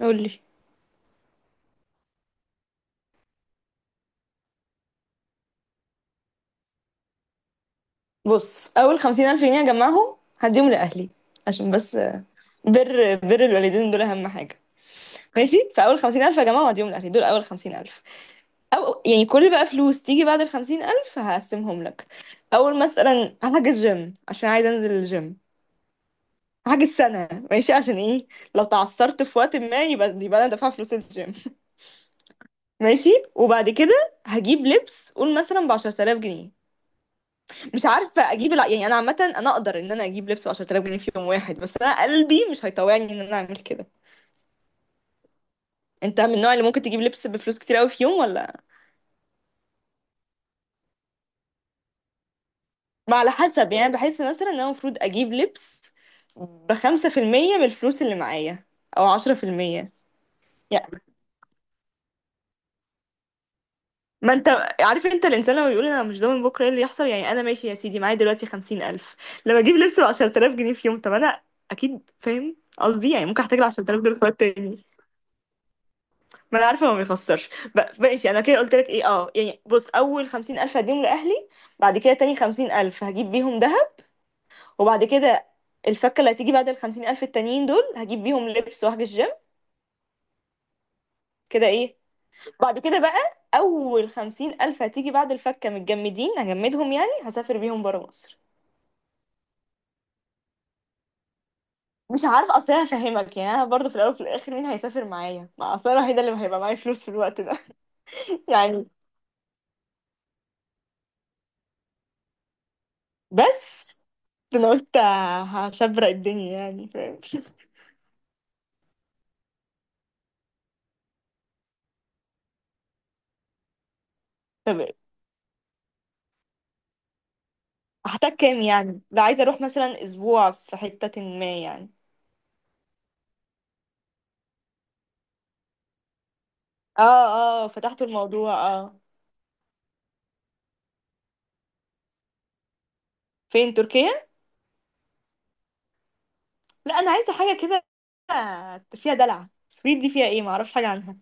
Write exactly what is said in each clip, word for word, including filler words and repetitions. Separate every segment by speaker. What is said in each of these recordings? Speaker 1: قولي. بص، اول خمسين الف جنيه اجمعهم هديهم لاهلي، عشان بس بر بر الوالدين دول اهم حاجه. ماشي، فاول خمسين الف اجمعهم هديهم لاهلي، دول اول خمسين الف. او يعني كل بقى فلوس تيجي بعد الخمسين الف هقسمهم لك. اول مثلا هحجز جيم عشان عايز انزل الجيم. هحجز سنه، ماشي؟ عشان ايه؟ لو تعثرت في وقت ما، يبقى يبقى انا دافعه فلوس الجيم. ماشي. وبعد كده هجيب لبس، قول مثلا ب عشرة آلاف جنيه. مش عارفه اجيب الع... يعني انا عامه انا اقدر ان انا اجيب لبس ب عشرة آلاف جنيه في يوم واحد، بس انا قلبي مش هيطوعني ان انا اعمل كده. انت من النوع اللي ممكن تجيب لبس بفلوس كتير قوي في يوم ولا؟ ما على حسب، يعني بحس مثلا ان انا المفروض اجيب لبس بخمسة في المية من الفلوس اللي معايا، او عشرة في المية. يعني ما انت عارف، انت الانسان لما بيقول انا مش ضامن بكره ايه اللي يحصل. يعني انا ماشي يا سيدي معايا دلوقتي خمسين الف، لما اجيب لبس ب عشرة آلاف جنيه في يوم، طب انا اكيد فاهم قصدي، يعني ممكن احتاج ال عشرة آلاف دول في وقت تاني. ما انا عارفه ما بيخسرش. ب- ماشي، انا كده قلت لك ايه. اه يعني بص، اول خمسين الف هديهم لاهلي، بعد كده تاني خمسين الف هجيب بيهم دهب، وبعد كده الفكه اللي هتيجي بعد الخمسين الف التانيين دول هجيب بيهم لبس واحجز جيم. كده ايه. بعد كده بقى، اول خمسين الف هتيجي بعد الفكه متجمدين هجمدهم، يعني هسافر بيهم برا مصر. مش عارفه، اصل أنا هفهمك، يعني انا برضه في الاول وفي الاخر مين هيسافر معايا؟ ما اصل أنا الوحيده اللي هيبقى معايا فلوس في الوقت ده. يعني بس انا قلت هشبرق الدنيا، يعني فاهم. طب هحتاج كام؟ يعني ده عايزة اروح مثلا اسبوع في حتة ما يعني. اه. اه، فتحت الموضوع. اه، فين تركيا؟ لا انا عايزة حاجة كده فيها دلع. السويد دي فيها ايه، معرفش حاجة عنها.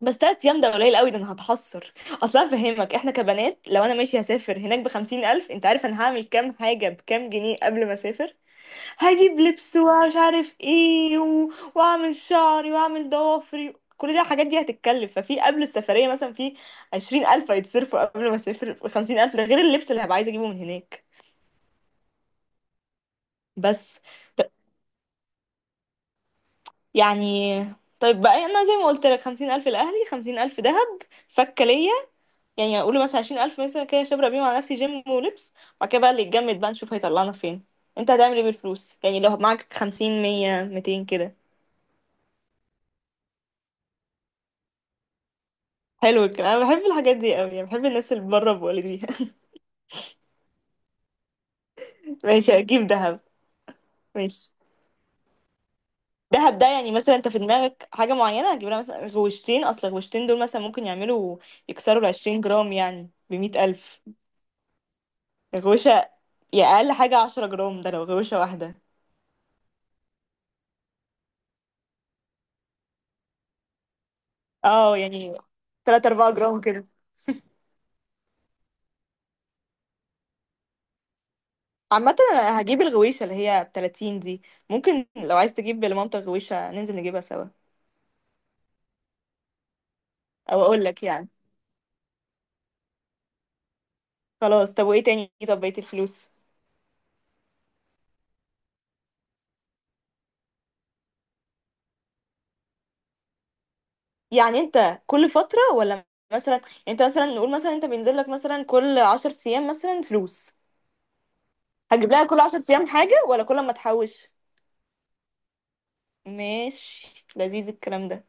Speaker 1: بس تلات ايام ده قليل قوي، ده انا هتحسر اصلا. فهمك، احنا كبنات لو انا ماشي هسافر هناك بخمسين الف، انت عارف انا هعمل كام حاجة بكام جنيه قبل ما اسافر؟ هجيب لبس ومش عارف ايه و... واعمل شعري واعمل ضوافري، كل ده الحاجات دي هتتكلف. ففي قبل السفرية مثلا في عشرين ألف هيتصرفوا قبل ما اسافر خمسين ألف، ده غير اللبس اللي هبقى عايزة اجيبه من هناك. بس ط- يعني طيب بقى، انا زي ما قلت لك: خمسين ألف لأهلي، خمسين ألف دهب، فكة ليا. يعني اقول مثلا عشرين ألف مثلا كده شبرق بيهم على نفسي، جيم ولبس، وبعد كده بقى اللي يتجمد بقى نشوف هيطلعنا فين. انت هتعمل ايه بالفلوس؟ يعني لو معاك خمسين، مية، ميتين كده. حلو الكلام، انا بحب الحاجات دي قوي، بحب الناس اللي بره بوالديها. ماشي، اجيب دهب. ماشي، دهب ده يعني مثلا انت في دماغك حاجة معينة هتجيب لها؟ مثلا غوشتين، اصل الغوشتين دول مثلا ممكن يعملوا، يكسروا العشرين جرام، يعني بمية ألف. غوشة، يا أقل حاجة عشرة جرام ده لو غوشة واحدة. اه، يعني تلاتة أربعة جرام كده. عامة أنا هجيب الغويشة اللي هي بتلاتين دي. ممكن لو عايز تجيب لمامتك غويشة ننزل نجيبها سوا. أو أقولك يعني، خلاص طب، وإيه تاني؟ طب بقية الفلوس؟ يعني انت كل فترة ولا؟ مثلا يعني انت مثلا، نقول مثلا انت بينزل لك مثلا كل عشر ايام مثلا فلوس. هتجيب لها كل عشر ايام حاجة ولا كل ما تحوش؟ ماشي، لذيذ الكلام ده.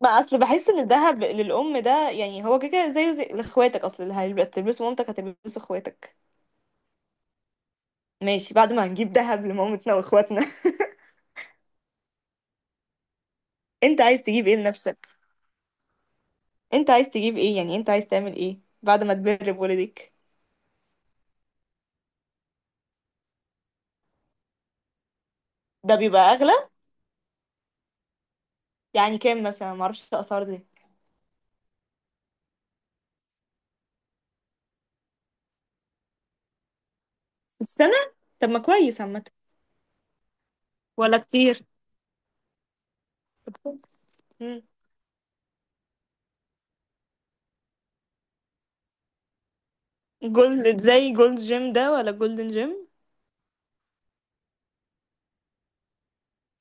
Speaker 1: بقى اصل بحس ان الذهب للام ده يعني هو كده كده زيه زي لاخواتك، اصل اللي هتلبسه مامتك هتلبسه اخواتك. ماشي، بعد ما هنجيب ذهب لمامتنا واخواتنا، انت عايز تجيب ايه لنفسك؟ انت عايز تجيب ايه، يعني انت عايز تعمل ايه بعد ما تبر بولدك؟ ده بيبقى اغلى، يعني كام مثلا؟ معرفش الاسعار دي. في السنة؟ طب ما كويس عامة. ولا كتير؟ مم. جولد، زي جولد جيم ده ولا جولدن جيم؟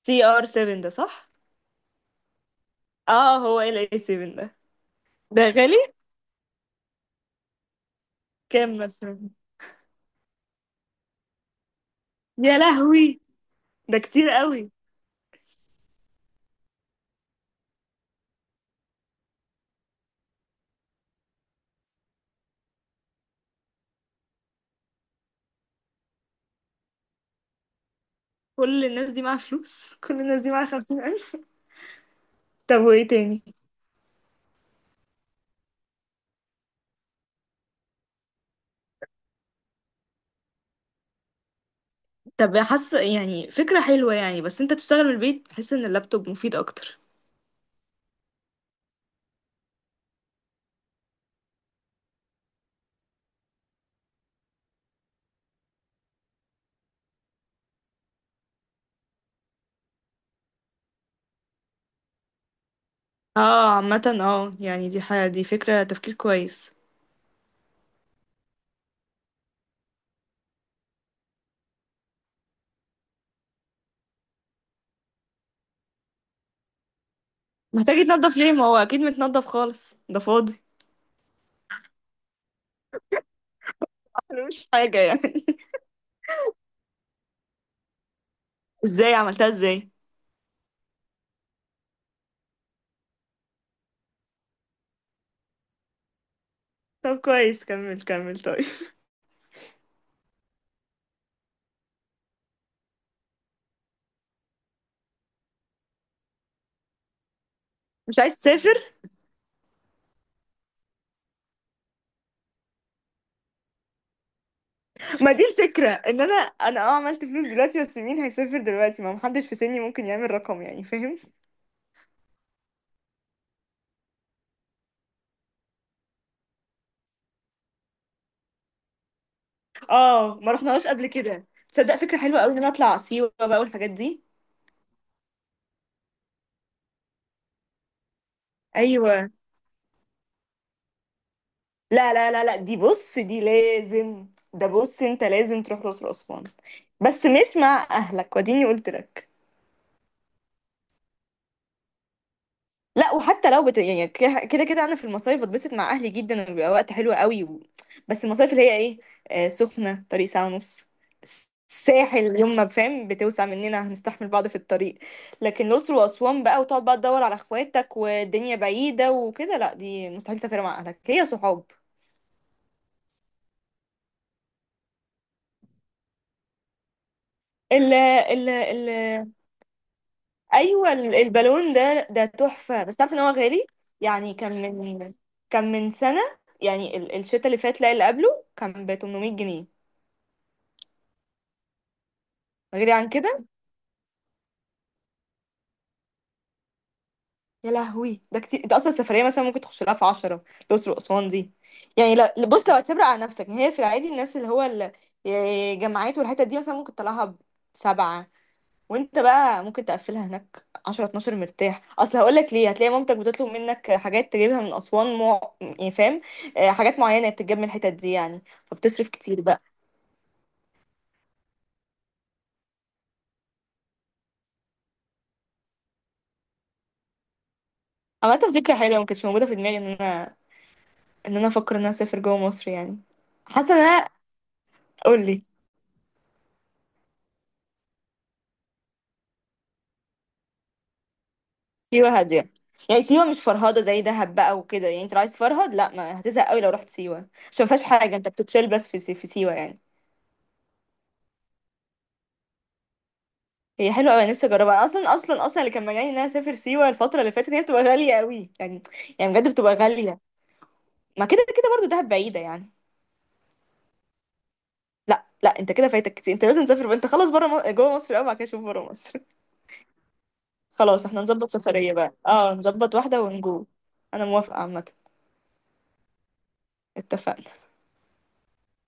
Speaker 1: سي ار سبعة ده صح؟ اه، هو ال اي سفن ده. ده غالي؟ كام مثلا؟ يا لهوي، ده كتير قوي. كل الناس دي معاها فلوس، كل الناس دي معاها خمسين ألف. طب وإيه تاني؟ طب حاسة يعني فكرة حلوة، يعني بس أنت تشتغل من البيت، بحس إن اللابتوب مفيد أكتر. اه عامة اه، يعني دي حاجة، دي فكرة تفكير كويس. محتاج يتنضف ليه؟ ما هو أكيد متنضف خالص، ده فاضي. أنا مش حاجة يعني. ازاي عملتها، ازاي؟ طب كويس، كمل كمل طيب. مش عايز تسافر؟ ما دي الفكرة، ان انا انا اه عملت فلوس دلوقتي، بس مين هيسافر دلوقتي؟ ما محدش في سني ممكن يعمل رقم، يعني فاهم. اه، ما رحناش قبل كده. تصدق فكرة حلوة قوي ان انا اطلع سيوة بقى والحاجات دي. ايوه. لا لا لا لا، دي بص دي لازم. ده بص، انت لازم تروح الأقصر وأسوان، بس مش مع اهلك وديني قلت لك. لا، وحتى لو بت... يعني ك- كده كده، انا في المصايف بتبسط مع اهلي جدا، وبيبقى وقت حلو قوي و... بس المصايف اللي هي ايه، آه، سخنه طريق ساعه ونص. س- ساحل يوم ما فاهم بتوسع مننا هنستحمل بعض في الطريق. لكن الاقصر واسوان بقى، وتقعد بقى تدور على اخواتك والدنيا بعيده وكده، لا دي مستحيل تسافر مع اهلك، هي صحاب. ال ال ال ايوه، ال- البالون ده، ده تحفه، بس تعرف ان هو غالي. يعني كان من، كان من سنه، يعني ال- الشتا اللي فات، لا اللي قبله، كان ب ثمانمائة جنيه. غير عن كده. يا لهوي، ده كتير. انت اصلا السفريه مثلا ممكن تخش لها في عشرة، الاقصر واسوان دي. يعني لا بص، لو هتبرق على نفسك، يعني هي في العادي الناس اللي هو ال- جامعات والحتت دي مثلا ممكن تطلعها بسبعة، وانت بقى ممكن تقفلها هناك عشرة، اثنا عشر مرتاح. اصل هقول لك ليه، هتلاقي مامتك بتطلب منك حاجات تجيبها من اسوان مو... يعني فاهم، آه، حاجات معينه بتتجاب من الحتت دي يعني، فبتصرف كتير بقى. عامه فكره حلوه، ما كانتش موجوده في دماغي ان انا، ان انا افكر ان انا اسافر جوه مصر يعني. حاسه ان انا. قول لي. سيوه هاديه. يعني سيوه مش فرهده زي دهب بقى وكده، يعني انت لو عايز تفرهد لا، ما هتزهق قوي لو رحت سيوه، عشان ما فيهاش حاجه انت بتتشيل بس في سي- في سيوه يعني. هي حلوه قوي، نفسي اجربها، اصلا اصلا اصلا اللي كان مجاني ان انا اسافر سيوه الفتره اللي فاتت، هي بتبقى غاليه قوي يعني. يعني بجد بتبقى غاليه. ما كده كده برضو دهب بعيده يعني. لا لا، انت كده فايتك كتير، انت لازم تسافر. انت خلاص بره م... جوه مصر قوي، بعد كده شوف بره مصر. خلاص احنا نظبط سفريه بقى، اه نظبط واحده ونجو. انا موافقه عامه. اتفقنا.